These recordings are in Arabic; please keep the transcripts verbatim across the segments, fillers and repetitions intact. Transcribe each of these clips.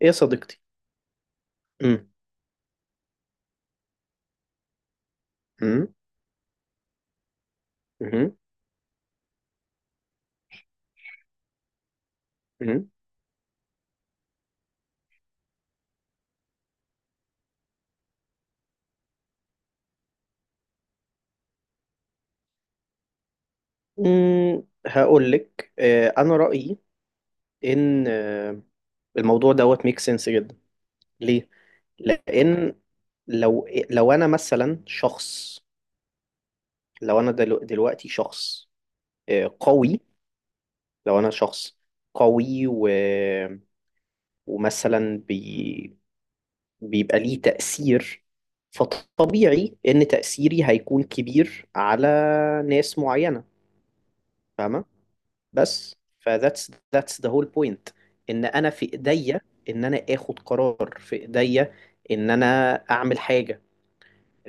ايه يا صديقتي. مم. مم. مم. مم. مم. هقول لك، آه، انا رأيي ان آه، الموضوع دوت ميك سنس جدا. ليه؟ لان لو لو انا مثلا شخص. لو انا دلو- دلوقتي شخص آه، قوي. لو انا شخص قوي و... ومثلا بي... بيبقى ليه تأثير. فطبيعي ان تأثيري هيكون كبير على ناس معينة. فاهمة؟ بس، فذاتس ذاتس ذا هول بوينت، ان انا في ايديا، ان انا اخد قرار في ايديا، ان انا اعمل حاجه.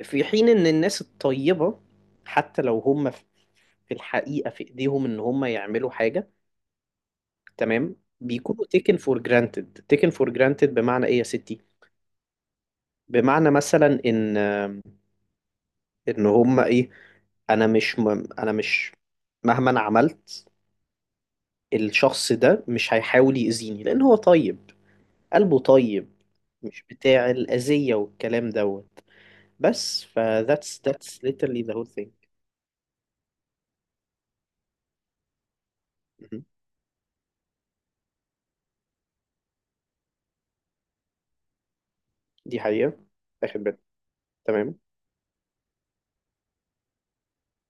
في حين ان الناس الطيبه، حتى لو هم في في الحقيقه في ايديهم ان هم يعملوا حاجه، تمام، بيكونوا taken for granted. Taken for granted بمعنى ايه يا ستي؟ بمعنى مثلا ان ان هم ايه، انا مش م... انا مش، مهما انا عملت، الشخص ده مش هيحاول يأذيني لان هو طيب، قلبه طيب، مش بتاع الأذية والكلام دوت. بس ف that's that's literally the whole thing. مهم. دي حقيقة. آخد بالي. تمام.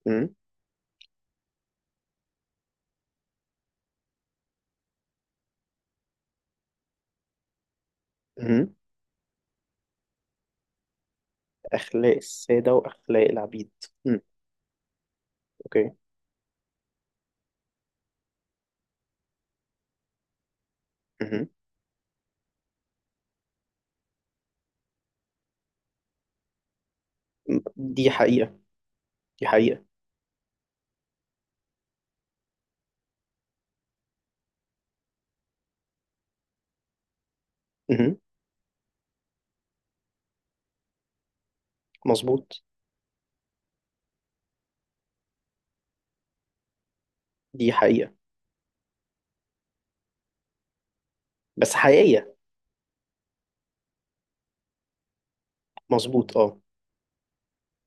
مهم. مهم. أخلاق السادة وأخلاق العبيد. مم. أوكي. مهم. م- دي حقيقة. دي حقيقة. مهم. مظبوط. دي حقيقة. بس حقيقية. مظبوط أه.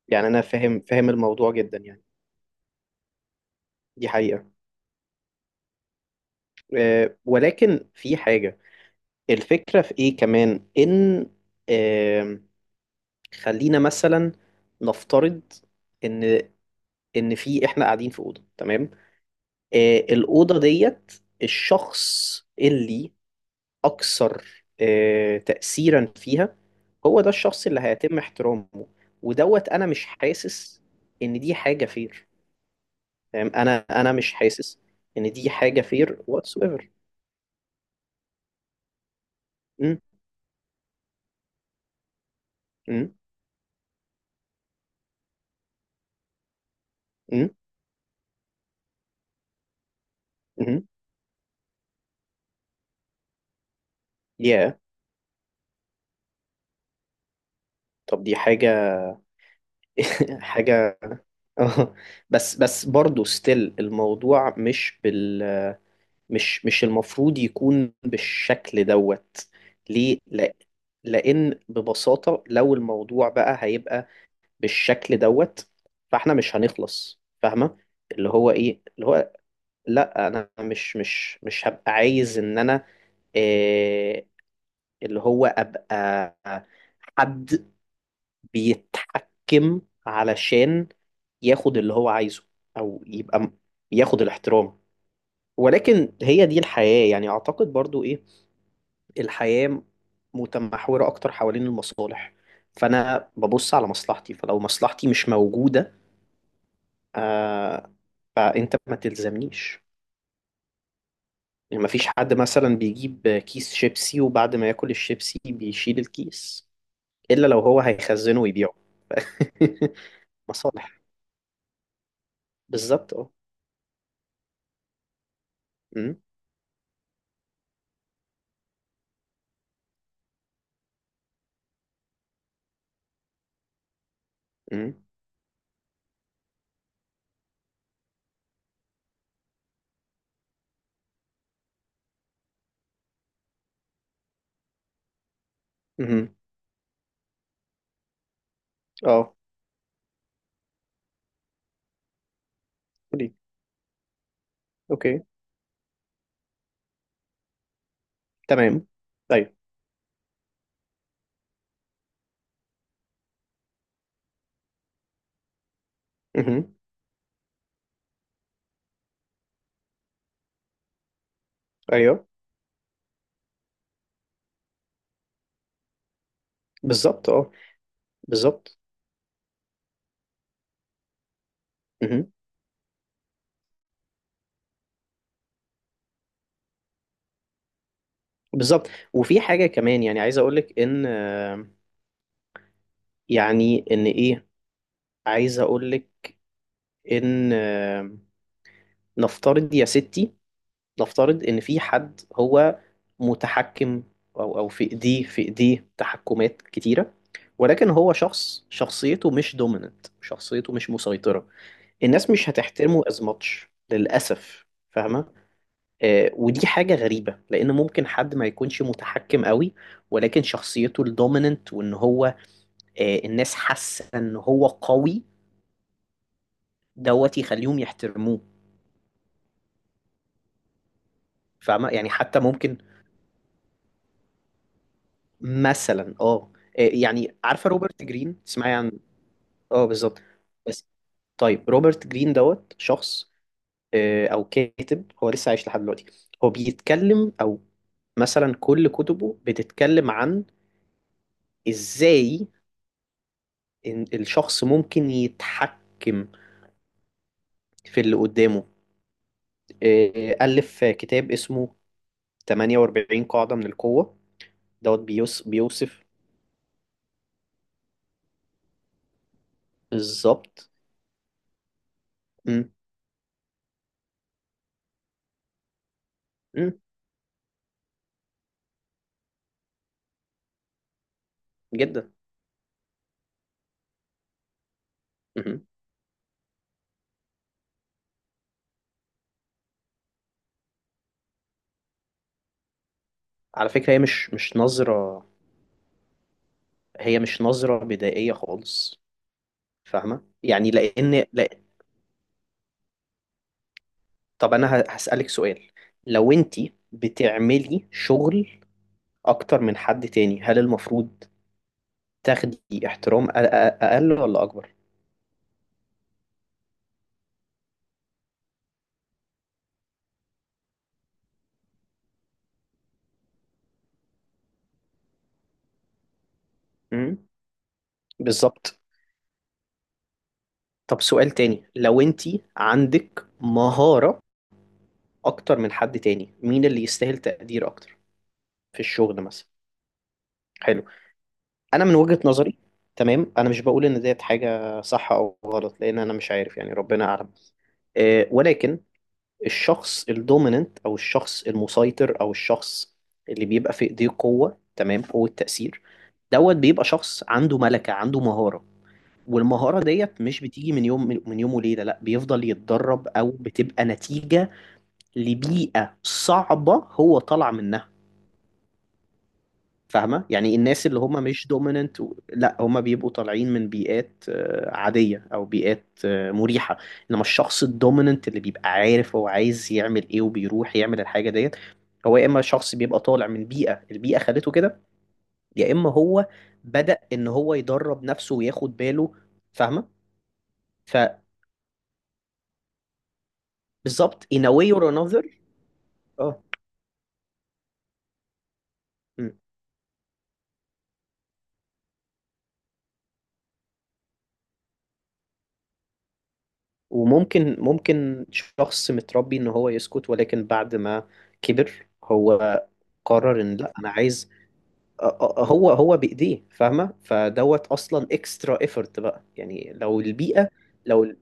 يعني أنا فاهم فاهم الموضوع جدا يعني. دي حقيقة. أه، ولكن في حاجة. الفكرة في إيه كمان؟ إن خلينا مثلا نفترض ان ان في احنا قاعدين في اوضه، تمام، آه الاوضه ديت، الشخص اللي اكثر آه تاثيرا فيها، هو ده الشخص اللي هيتم احترامه. ودوت، انا مش حاسس ان دي حاجه فير، تمام، انا انا مش حاسس ان دي حاجه فير whatsoever. امم. امم. امم. امم. يا، طب دي حاجه حاجه بس بس برضه ستيل الموضوع مش بال مش مش المفروض يكون بالشكل دوت. ليه لا؟ لان ببساطة، لو الموضوع بقى هيبقى بالشكل دوت، فاحنا مش هنخلص، فاهمة؟ اللي هو ايه اللي هو، لا انا مش مش مش هبقى عايز ان انا آه، اللي هو ابقى حد بيتحكم علشان ياخد اللي هو عايزه، او يبقى م- ياخد الاحترام. ولكن هي دي الحياة، يعني اعتقد برضو إيه؟ الحياة متمحورة أكتر حوالين المصالح. فأنا ببص على مصلحتي، فلو مصلحتي مش موجودة، آه فأنت ما تلزمنيش. يعني مفيش حد مثلا بيجيب كيس شيبسي وبعد ما ياكل الشيبسي بيشيل الكيس، إلا لو هو هيخزنه ويبيعه. مصالح. بالظبط اه. أمم، أمم، أمم. اه. قولي. اوكي. تمام. ايوه. أمم، ايوه. بالظبط اه. بالظبط. بالظبط، وفي حاجة كمان. يعني عايز أقولك إن آه، يعني إن إيه، عايز أقولك إن آه، نفترض يا ستي، نفترض إن في حد هو متحكم، أو أو في إيديه في إيديه تحكمات كتيرة، ولكن هو شخص شخصيته مش دوميننت، شخصيته مش مسيطرة. الناس مش هتحترمه از ماتش للأسف، فاهمة؟ آه، ودي حاجة غريبة لأن ممكن حد ما يكونش متحكم قوي، ولكن شخصيته الدوميننت وإن هو آه، الناس حاسه ان هو قوي، دوت يخليهم يحترموه. فاهمه؟ يعني حتى ممكن مثلا اه آه، يعني عارفه روبرت جرين؟ تسمعي عن، اه بالظبط. بس طيب، روبرت جرين دوت شخص آه، او كاتب. هو لسه عايش لحد دلوقتي. هو بيتكلم او مثلا كل كتبه بتتكلم عن ازاي إن الشخص ممكن يتحكم في اللي قدامه. آه، ألف كتاب اسمه ثمانية وأربعين قاعدة من القوة. دوت بيوس بيوصف. بالظبط. امم. امم جدا. امم. على فكرة هي مش مش نظرة. هي مش نظرة بدائية خالص، فاهمة؟ يعني لأن لا، طب أنا ه- هسألك سؤال. لو أنت بتعملي شغل أكتر من حد تاني، هل المفروض تاخدي احترام أ- أ- أقل ولا أكبر؟ امم. بالظبط. طب سؤال تاني، لو أنت عندك مهارة أكتر من حد تاني، مين اللي يستاهل تقدير أكتر في الشغل مثلا؟ حلو. انا من وجهة نظري، تمام، انا مش بقول ان ديت حاجة صح او غلط، لان انا مش عارف، يعني ربنا اعلم. آه، ولكن الشخص الدوميننت، او الشخص المسيطر، او الشخص اللي بيبقى في ايديه قوة، تمام، قوة تأثير، دوت بيبقى شخص عنده ملكة، عنده مهارة. والمهارة ديت مش بتيجي من يوم من يوم وليلة. لا بيفضل يتدرب، او بتبقى نتيجة لبيئة صعبة هو طلع منها، فاهمة؟ يعني الناس اللي هم مش دوميننت و... لا، هم بيبقوا طالعين من بيئات آه، عادية، أو بيئات آه، مريحة. إنما الشخص الدوميننت اللي بيبقى عارف هو عايز يعمل إيه وبيروح يعمل الحاجة ديت، هو يا إما شخص بيبقى طالع من بيئة، البيئة خلته كده، يا إما هو بدأ إن هو يدرب نفسه وياخد باله، فاهمة؟ فبالظبط in a way or another. اه. إمم. وممكن ممكن شخص متربي ان هو يسكت، ولكن بعد ما كبر هو قرر ان لا، انا عايز أ- أ- هو هو بايديه، فاهمه؟ فدوت اصلا اكسترا ايفورت بقى، يعني لو البيئه، لو ال-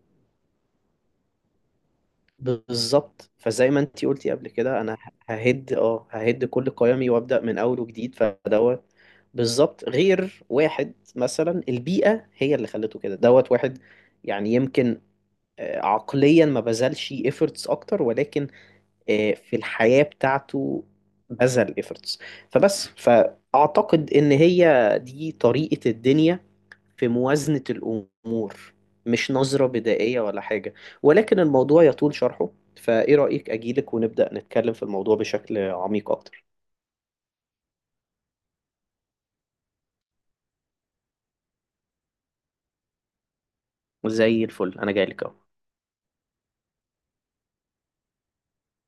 بالظبط. فزي ما انتي قلتي قبل كده، انا ههد اه ههد كل قيمي وابدا من اول وجديد، فدوت بالظبط. غير واحد مثلا البيئة هي اللي خلته كده، دوت واحد يعني يمكن آه، عقليا ما بذلش efforts اكتر، ولكن آه، في الحياة بتاعته بذل efforts. فبس فأعتقد إن هي دي طريقة الدنيا في موازنة الأمور. مش نظرة بدائية ولا حاجة، ولكن الموضوع يطول شرحه. فإيه رأيك أجيلك ونبدأ نتكلم في الموضوع بشكل عميق أكتر؟ زي الفل، أنا جايلك أهو.